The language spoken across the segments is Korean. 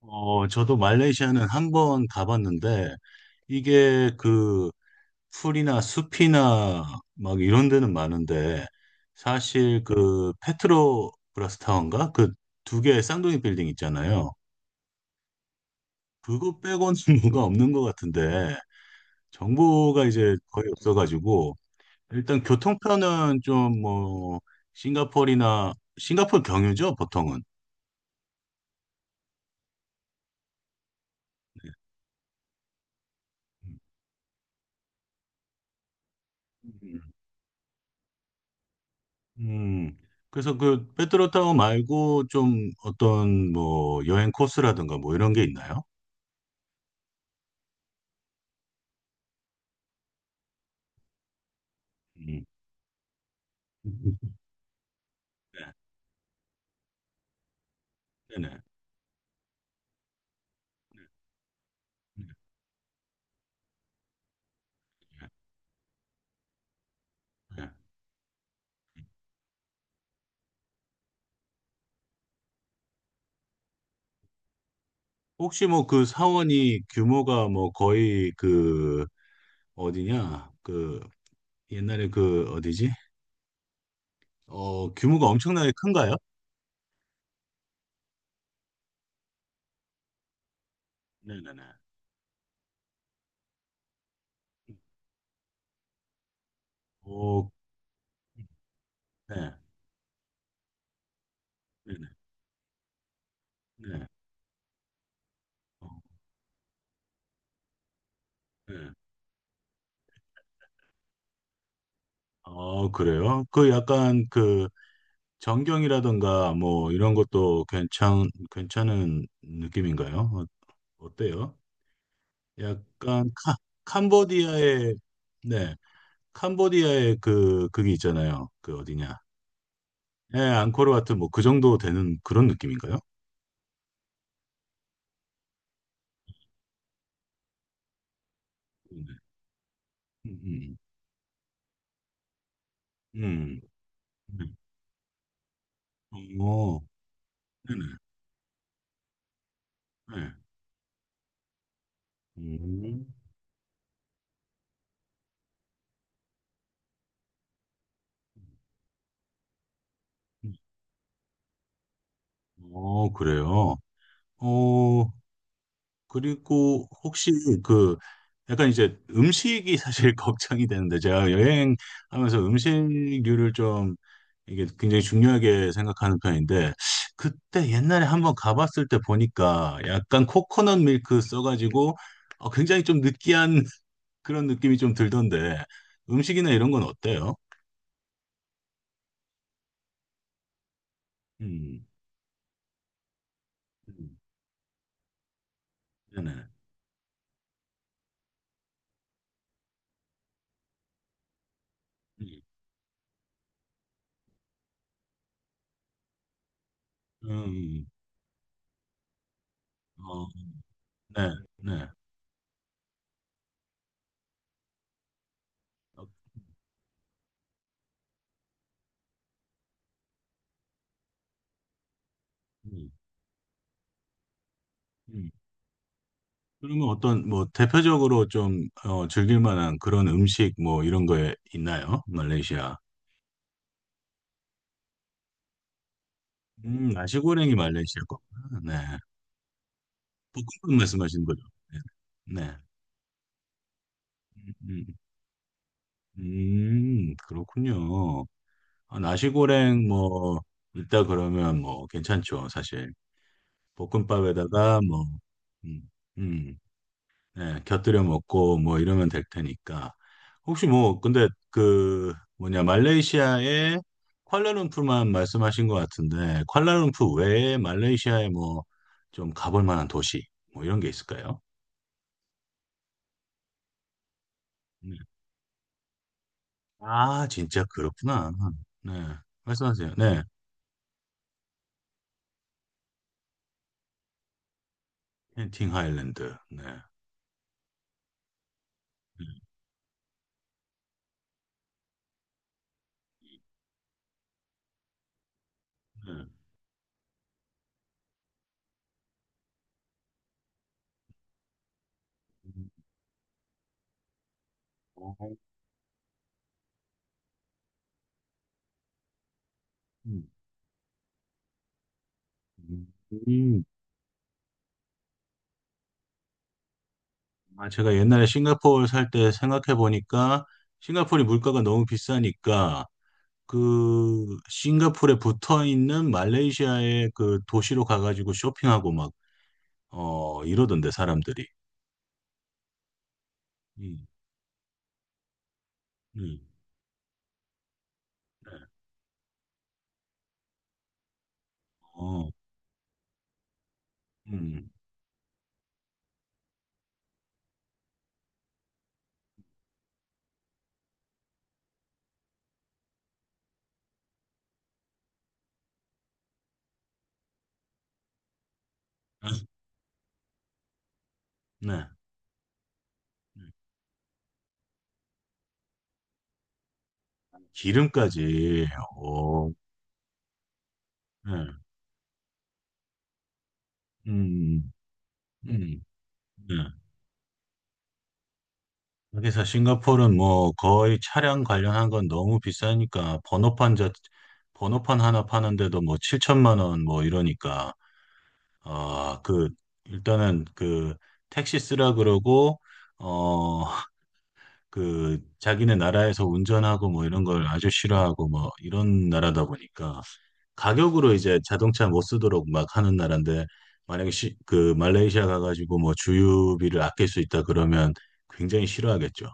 저도 말레이시아는 한 번 가봤는데, 이게 그 풀이나 숲이나 막 이런 데는 많은데, 사실 그 페트로브라스 타워인가? 그 두 개의 쌍둥이 빌딩 있잖아요. 그거 빼고는 뭐가 없는 것 같은데, 정보가 이제 거의 없어가지고, 일단 교통편은 좀 뭐, 싱가포르나, 싱가포르 경유죠, 보통은. 음. 음, 그래서 그 페트로 타워 말고 좀 어떤 뭐 여행 코스라든가 뭐 이런 게 있나요? 음. 네, 네네. 네, 네, 네. 혹시 뭐 그 사원이 규모가 뭐 거의 그 어디냐? 그 옛날에 그 어디지? 규모가 엄청나게 큰가요? 네네네. 오, 네, 네네, 네. 어, 네. 아, 그래요? 그 약간 그 전경이라든가 뭐 이런 것도 괜찮은 느낌인가요? 어때요? 약간 캄보디아의 네 캄보디아의 그 그게 있잖아요. 그 어디냐? 예, 앙코르 와트 뭐 그 정도 되는 그런 느낌인가요? 네. 음, 음, 음. 음. 네. 어, 네네. 네. 음. 음. 어, 그래요. 어, 그리고 혹시 그 약간 이제 음식이 사실 걱정이 되는데 제가 여행하면서 음식류를 좀 이게 굉장히 중요하게 생각하는 편인데 그때 옛날에 한번 가봤을 때 보니까 약간 코코넛 밀크 써가지고 굉장히 좀 느끼한 그런 느낌이 좀 들던데 음식이나 이런 건 어때요? 음, 음, 네네. 음, 음, 어, 네, 네. 어, 음, 음. 그러면 어떤 뭐 대표적으로 좀 즐길 만한 그런 음식 뭐 이런 거에 있나요? 말레이시아. 나시고랭이 말레이시아 거구나. 네. 볶음밥 말씀하시는 거죠? 네. 네. 음, 그렇군요. 아, 나시고랭 뭐 있다 그러면 뭐 괜찮죠, 사실. 볶음밥에다가 뭐 음, 음. 예, 곁들여 먹고 뭐 이러면 될 테니까. 혹시 뭐 근데 그 뭐냐 말레이시아의 쿠알라룸푸르만 말씀하신 것 같은데 쿠알라룸푸르 외에 말레이시아에 뭐 좀 가볼 만한 도시 뭐 이런 게 있을까요? 네. 아 진짜 그렇구나. 네 말씀하세요. 네 켄팅 하일랜드. 네. 네. 네. 음, 어, 음, 음. 아, 제가 옛날에 싱가포르 살 때 생각해 보니까 싱가포르 물가가 너무 비싸니까 그 싱가포르에 붙어 있는 말레이시아의 그 도시로 가가지고 쇼핑하고 막, 어, 이러던데, 사람들이. 음, 음, 네. 어, 음, 네. 기름까지, 어, 네. 음, 음, 네. 그래서 싱가포르는 뭐 거의 차량 관련한 건 너무 비싸니까 번호판 자, 번호판 하나 파는데도 뭐 7천만 원 뭐 이러니까 아, 그, 일단은 그, 택시 쓰라 그러고, 어, 그, 자기네 나라에서 운전하고 뭐 이런 걸 아주 싫어하고 뭐 이런 나라다 보니까 가격으로 이제 자동차 못 쓰도록 막 하는 나라인데, 만약에 시, 그, 말레이시아 가가지고 뭐 주유비를 아낄 수 있다 그러면 굉장히 싫어하겠죠.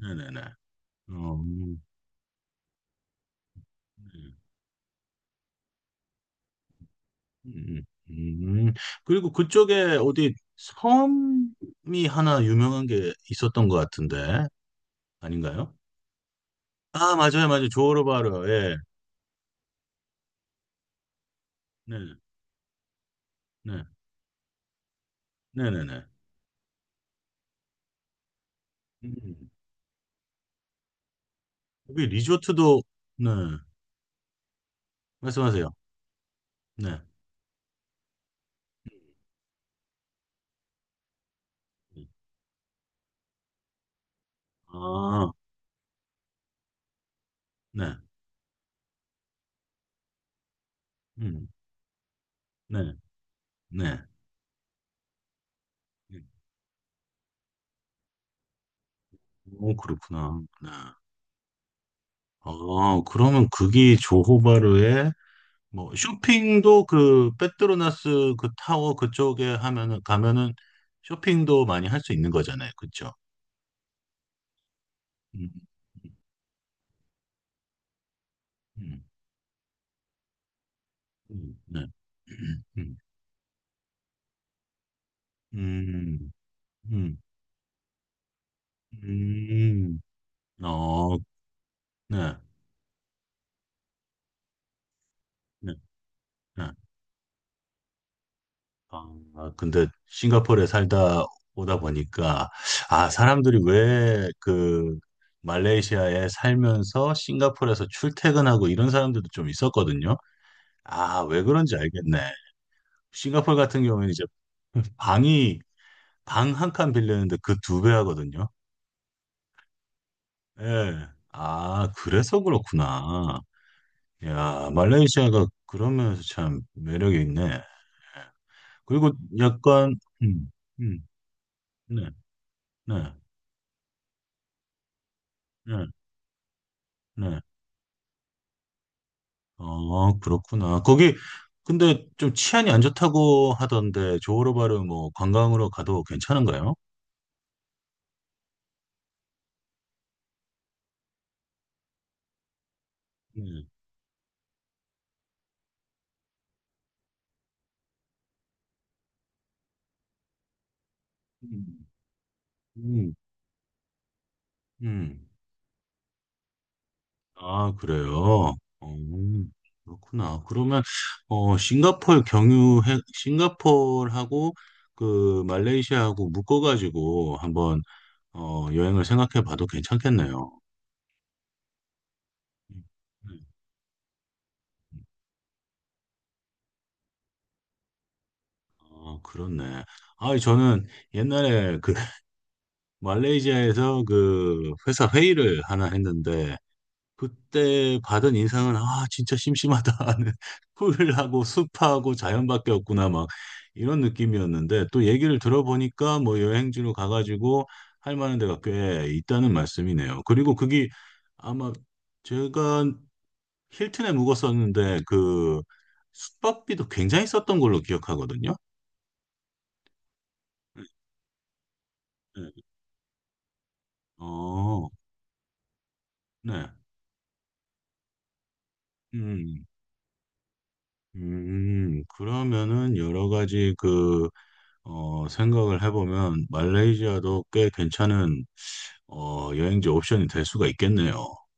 네네네. 어, 음, 음, 음. 음. 그리고 그쪽에 어디 섬이 하나 유명한 게 있었던 것 같은데, 아닌가요? 아, 맞아요, 맞아요. 조호르바르. 예. 네, 네, 네, 네, 네. 음. 여기 리조트도, 네, 말씀하세요. 네. 아, 네, 음, 네, 네. 오, 그렇구나. 네. 아, 그러면 그게 조호바르에 뭐 쇼핑도 그 페트로나스 그 타워 그쪽에 하면은 가면은 쇼핑도 많이 할 수 있는 거잖아요. 그렇죠? 음, 음, 음, 네. 음, 음. 음, 음, 어, 네, 네, 네. 아, 근데 싱가포르에 살다 오다 보니까, 아, 사람들이 왜 그 말레이시아에 살면서 싱가포르에서 출퇴근하고 이런 사람들도 좀 있었거든요. 아, 왜 그런지 알겠네. 싱가포르 같은 경우에는 이제 방이, 방 한 칸 빌리는데 그 2배 하거든요. 예. 아, 그래서 그렇구나. 야, 말레이시아가 그런 면에서 참 매력이 있네. 그리고 약간 음, 음, 네, 네, 네, 네. 어, 그렇구나. 거기 근데 좀 치안이 안 좋다고 하던데 조호르바르 뭐 관광으로 가도 괜찮은가요? 네. 음, 음, 음. 아, 그래요. 어, 그렇구나. 그러면 싱가포르 경유해 싱가포르하고 그 말레이시아하고 묶어가지고 한번 여행을 생각해 봐도 괜찮겠네요. 음, 네. 어, 그렇네. 아, 저는 옛날에 그 말레이시아에서 그 회사 회의를 하나 했는데 그때 받은 인상은 아, 진짜 심심하다. 풀하고 숲하고 자연밖에 없구나 막 이런 느낌이었는데 또 얘기를 들어보니까 뭐 여행지로 가가지고 할 만한 데가 꽤 있다는 말씀이네요. 그리고 그게 아마 제가 힐튼에 묵었었는데 그 숙박비도 굉장히 썼던 걸로 기억하거든요. 네. 어. 네. 음, 그러면은 여러 가지 그, 생각을 해보면 말레이시아도 꽤 괜찮은, 여행지 옵션이 될 수가 있겠네요.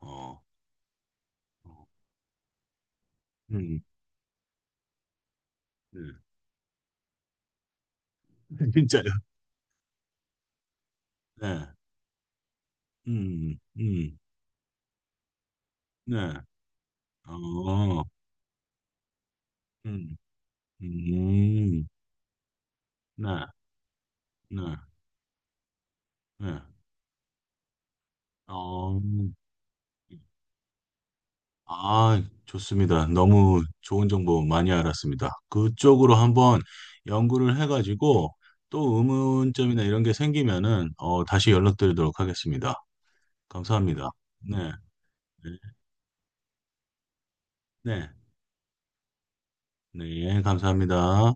어, 음, 네. 진짜요? 네. 음, 음, 네. 어, 음, 음, 네, 네, 네. 어, 아, 좋습니다. 너무 좋은 정보 많이 알았습니다. 그쪽으로 한번 연구를 해가지고 또 의문점이나 이런 게 생기면은 다시 연락드리도록 하겠습니다. 감사합니다. 네, 네, 네, 네, 예, 감사합니다.